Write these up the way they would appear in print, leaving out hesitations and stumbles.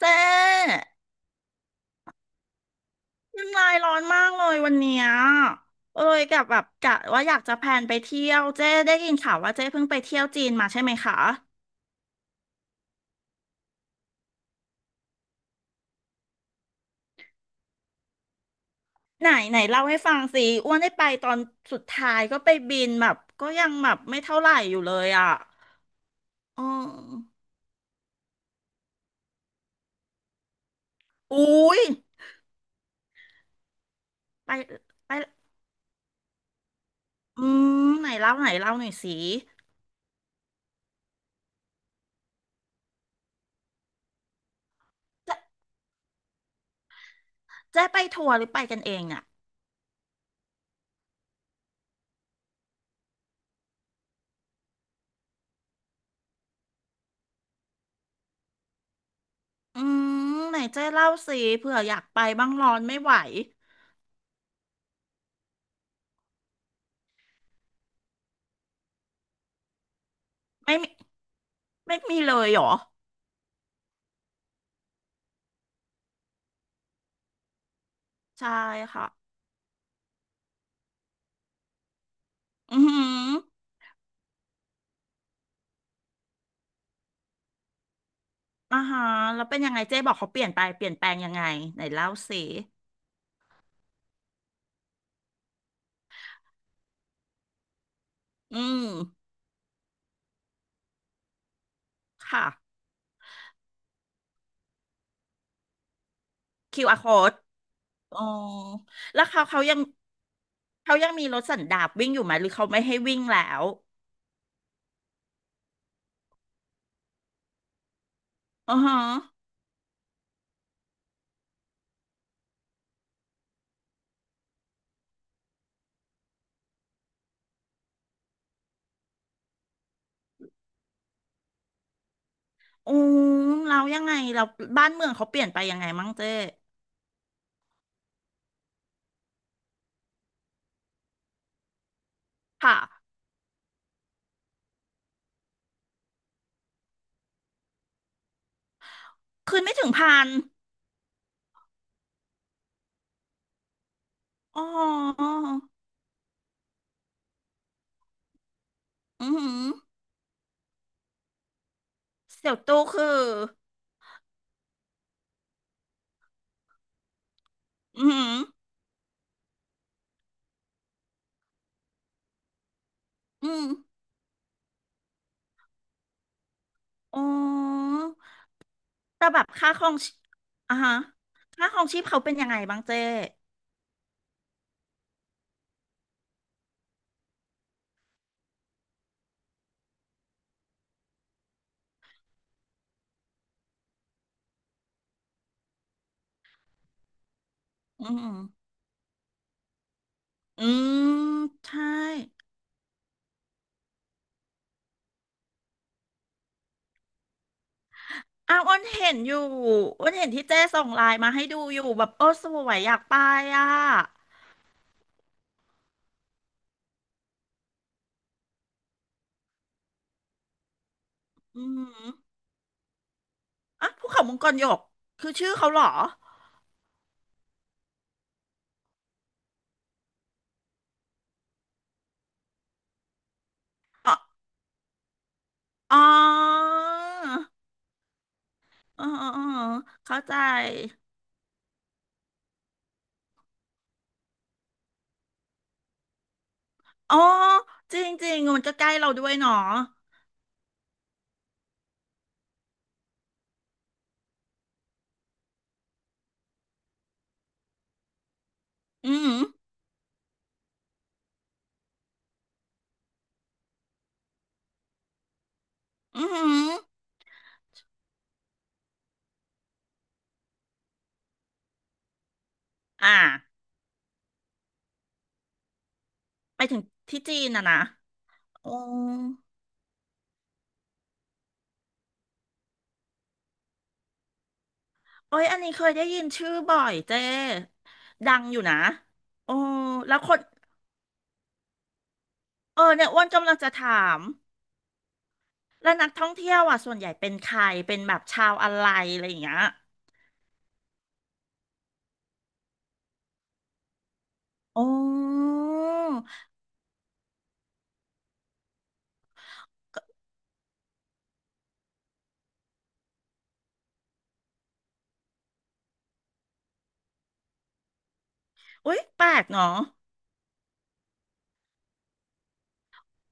เจ๊น้ำลายร้อนมากเลยวันเนี้ยเอ้ยกับแบบกะว่าอยากจะแพลนไปเที่ยวเจ๊ได้ยินข่าวว่าเจ๊เพิ่งไปเที่ยวจีนมาใช่ไหมคะไหนไหนเล่าให้ฟังสิอ้วนได้ไปตอนสุดท้ายก็ไปบินแบบก็ยังแบบไม่เท่าไหร่อยู่เลยอ่ะอืออุ้ยไปไปอืมไหนเล่าไหนเล่าหน่อยสิเจ๊เจ๊ไปทัวร์หรือไปกันเองเนี่ยอืมไหนเจ๊เล่าสิเผื่ออยากไปบ้างร้อนไม่ไหวไม่มีไม่มีเลยเหรอ ใช่ค่ะอือหืออ่าฮะแล้วเป็นยังไงเจ๊บอกเขาเปลี่ยนไปเปลี่ยนแปลงยังไงไหนเล่าสิอืมค่ะ QR code อ๋อแล้วเขาเขายังเขายังมีรถสันดาปวิ่งอยู่ไหมหรือเขาไม่ให้วิ่งแล้วอือฮะอืมเรายังไงเราบ้านเมืองเขาเปลี่ยนไปยังไงมั่งเจ๊ค่ะคืนไม่ถึงพันอ๋ออือหือเสี่ยวตู้คืออือหืออืมอ๋อ แต่แบบค่าครองชีอ่ะฮะค่าครองชีพเขาเป็นยังไงบ้างเจ้อืมอืมใช่อ้าวอ้นเห็นอยู่อ้นเห็นที่เจ้ส่งไลน์มาให้ดูอยู่แบบโอ้สวยอยากไปอ่ะอืมอ่ะภูเขามังกรหยกคือชื่อเขาเหรออ๋ออ๋ออ๋ออ๋อเข้าใจอ๋อจริงๆมันก็ใกล้เราด้วยเนาะอืมอืมอ่าไปถึงที่จีนอ่ะนะอ๋อ โอ้ยอันนี้เคยได้ยินชื่อบ่อยเจ้ดังอยู่นะโอ้แล้วคนเออเนี่ยอ้วนกำลังจะถามแล้วนักท่องเที่ยวอ่ะส่วนใหญ่เป็นใคร เป็นแบบชาวอะไรอะไรอย่างเงี้ยโอ้อุยแปลกเนาะ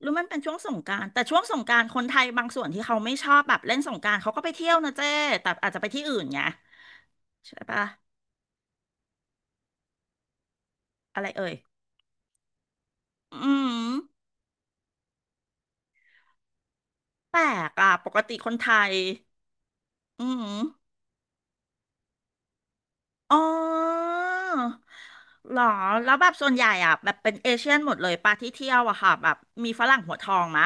หรือมันเป็นช่วงสงกรานต์แต่ช่วงสงกรานต์คนไทยบางส่วนที่เขาไม่ชอบแบบเล่นสงกรานต์เขาก็ไปเที่ยวนะเจ้แต่อาจจะไปที่อื่นไงใช่ปะ อะไรเอ่ยอืมแปลกอ่ะปกติคนไทยอืม อ๋อเหรอแล้วแบบส่วนใหญ่อ่ะแบบเป็นเอเชียนหมดเลยปะที่เที่ยวอะค่ะแบบมีฝรั่งหัวทองมะ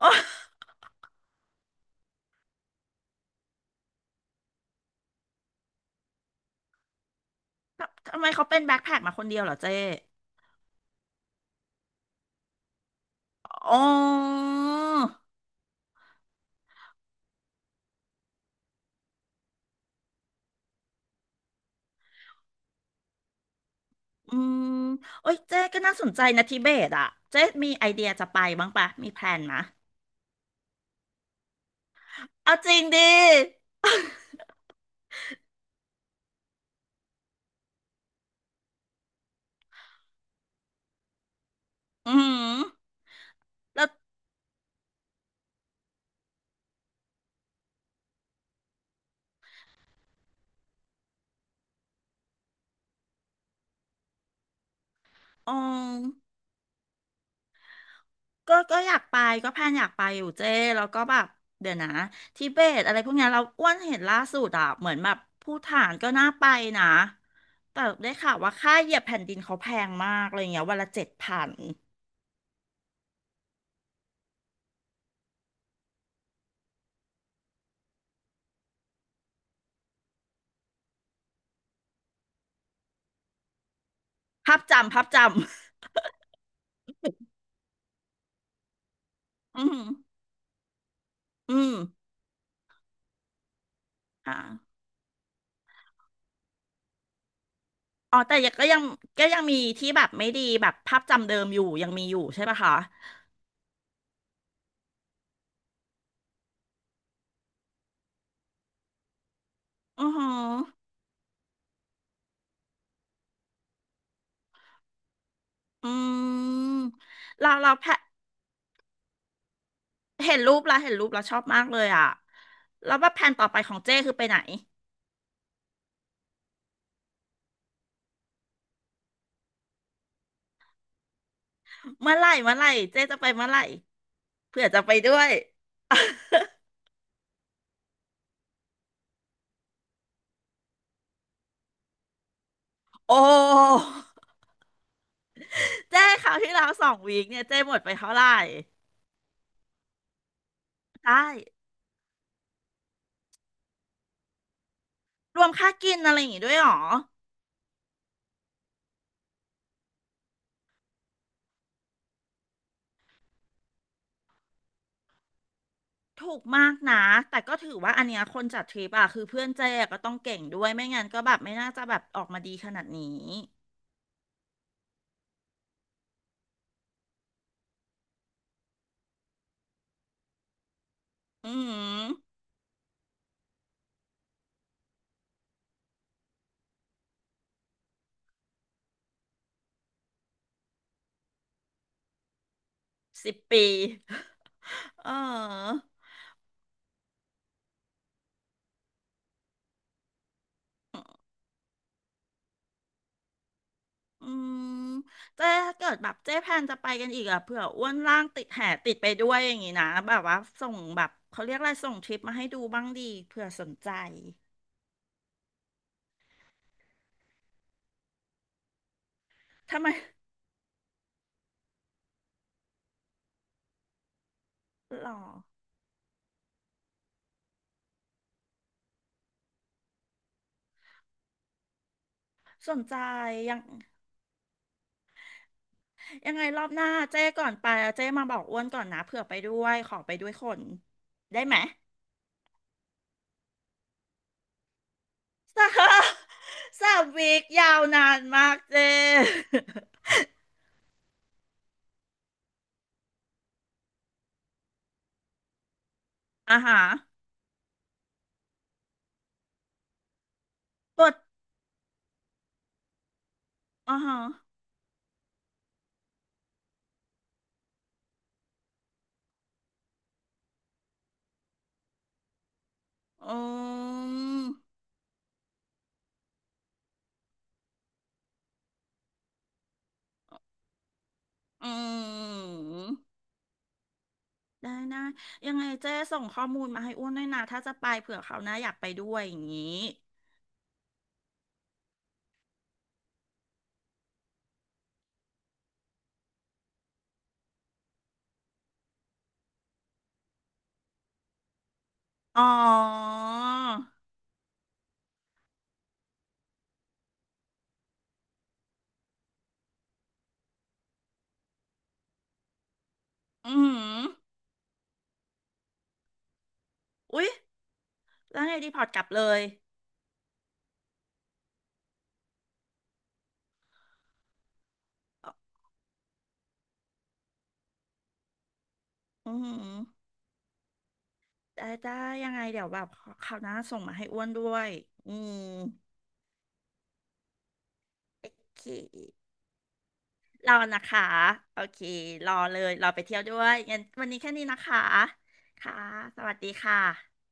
โอ้ทำ ทำไมเขาเป็นแบ็คแพ็คมาคนเดียวเหรอเจ๊อ๋ออืมโอ้ยเจ๊ก็น่าสนใจนะทิเบตอ่ะเจ๊มีไอเดียจะไปบ้างปะมีแพลนมะเอาจริงดิ อืมแล้วอ๋อ ก็ก็อยากไปก็แพลนอยากไปอยู่เจ้แล้วก็แบบเดี๋ยวนะทิเบตอะไรพวกเนี้ยเราอ้วนเห็นล่าสุดอ่ะเหมือนแบบภูฏานก็น่าไปนะ แต่ได้ข่าวว่าค่าเหยียบแผ่นดินเขาแพงมากอะไรเงี้ยวันละ7,000ภาพจำภาพจำ อืมอืมอ่าอ๋อแต่ยังก็ยังก็ยังมีที่แบบไม่ดีแบบภาพจำเดิมอยู่ยังมีอยู่ใช่ปะคะ อือหืออืมเราเราแพ เห็นรูปแล้วเห็นรูปแล้วชอบมากเลยอ่ะ แล้วว่าแผนต่อไปของเจ้คือไปไหนเมื่อไหร่เมื่อไหร่เจ้จะไปเมื่อไหร่เผื่อจะไปด้วย โอ้เจ้คราวที่แล้วสองวีคเนี่ยเจ้หมดไปเท่าไหร่ได้รวมค่ากินอะไรอย่างงี้ด้วยเหรอถูกมากนะแต่ก็ถือว่าอันเนี้ยคนจัดทริปอะคือเพื่อนเจ๊ก็ต้องเก่งด้วยไม่งั้นก็แบบไม่น่าจะแบบออกมาดีขนาดนี้อืม10 ปี เออ อืมเจ๊ถ้าเกิดแบบเจ๊แพนจะไปกันอีกอะเผื่ออ้วนล่างติดแห่ติดไปด้วยอย่างงี้นะแบบว่าส่งแบบเขาเรียกอะไรส่งทริปมาให้ดูบ้างดีเผื่อสนใจทำไมหรอสนใจยังยังไงรอบหน้าเจ๊ก่อนไปอะเจ๊มาบอกอ้วนก่อนนะเผื่อไปด้วยขอไปด้วยคนได้ไหมสาม สามวีคยาวนานมากเจ๊ อ่าฮะปวดอ่าฮะอืมอืม ได้นะยังไงเจ๊ส่งข้อมูลมาให้อ้วนด้วยนะถ้าจะไปเผื่อเขาวหน้าอยากไปด้วยอย่างนี้อ๋ออือหืออุ๊ยแล้วไงดีพอร์ตกลับเลยอือหือได้ได้ยังไงเดี๋ยวแบบคราวหน้าส่งมาให้อ้วนด้วยอืมโอเครอนะคะโอเครอเลยรอไปเที่ยวด้วยงั้นวันนี้แค่นี้นะคะค่ะสวัสดีค่ะ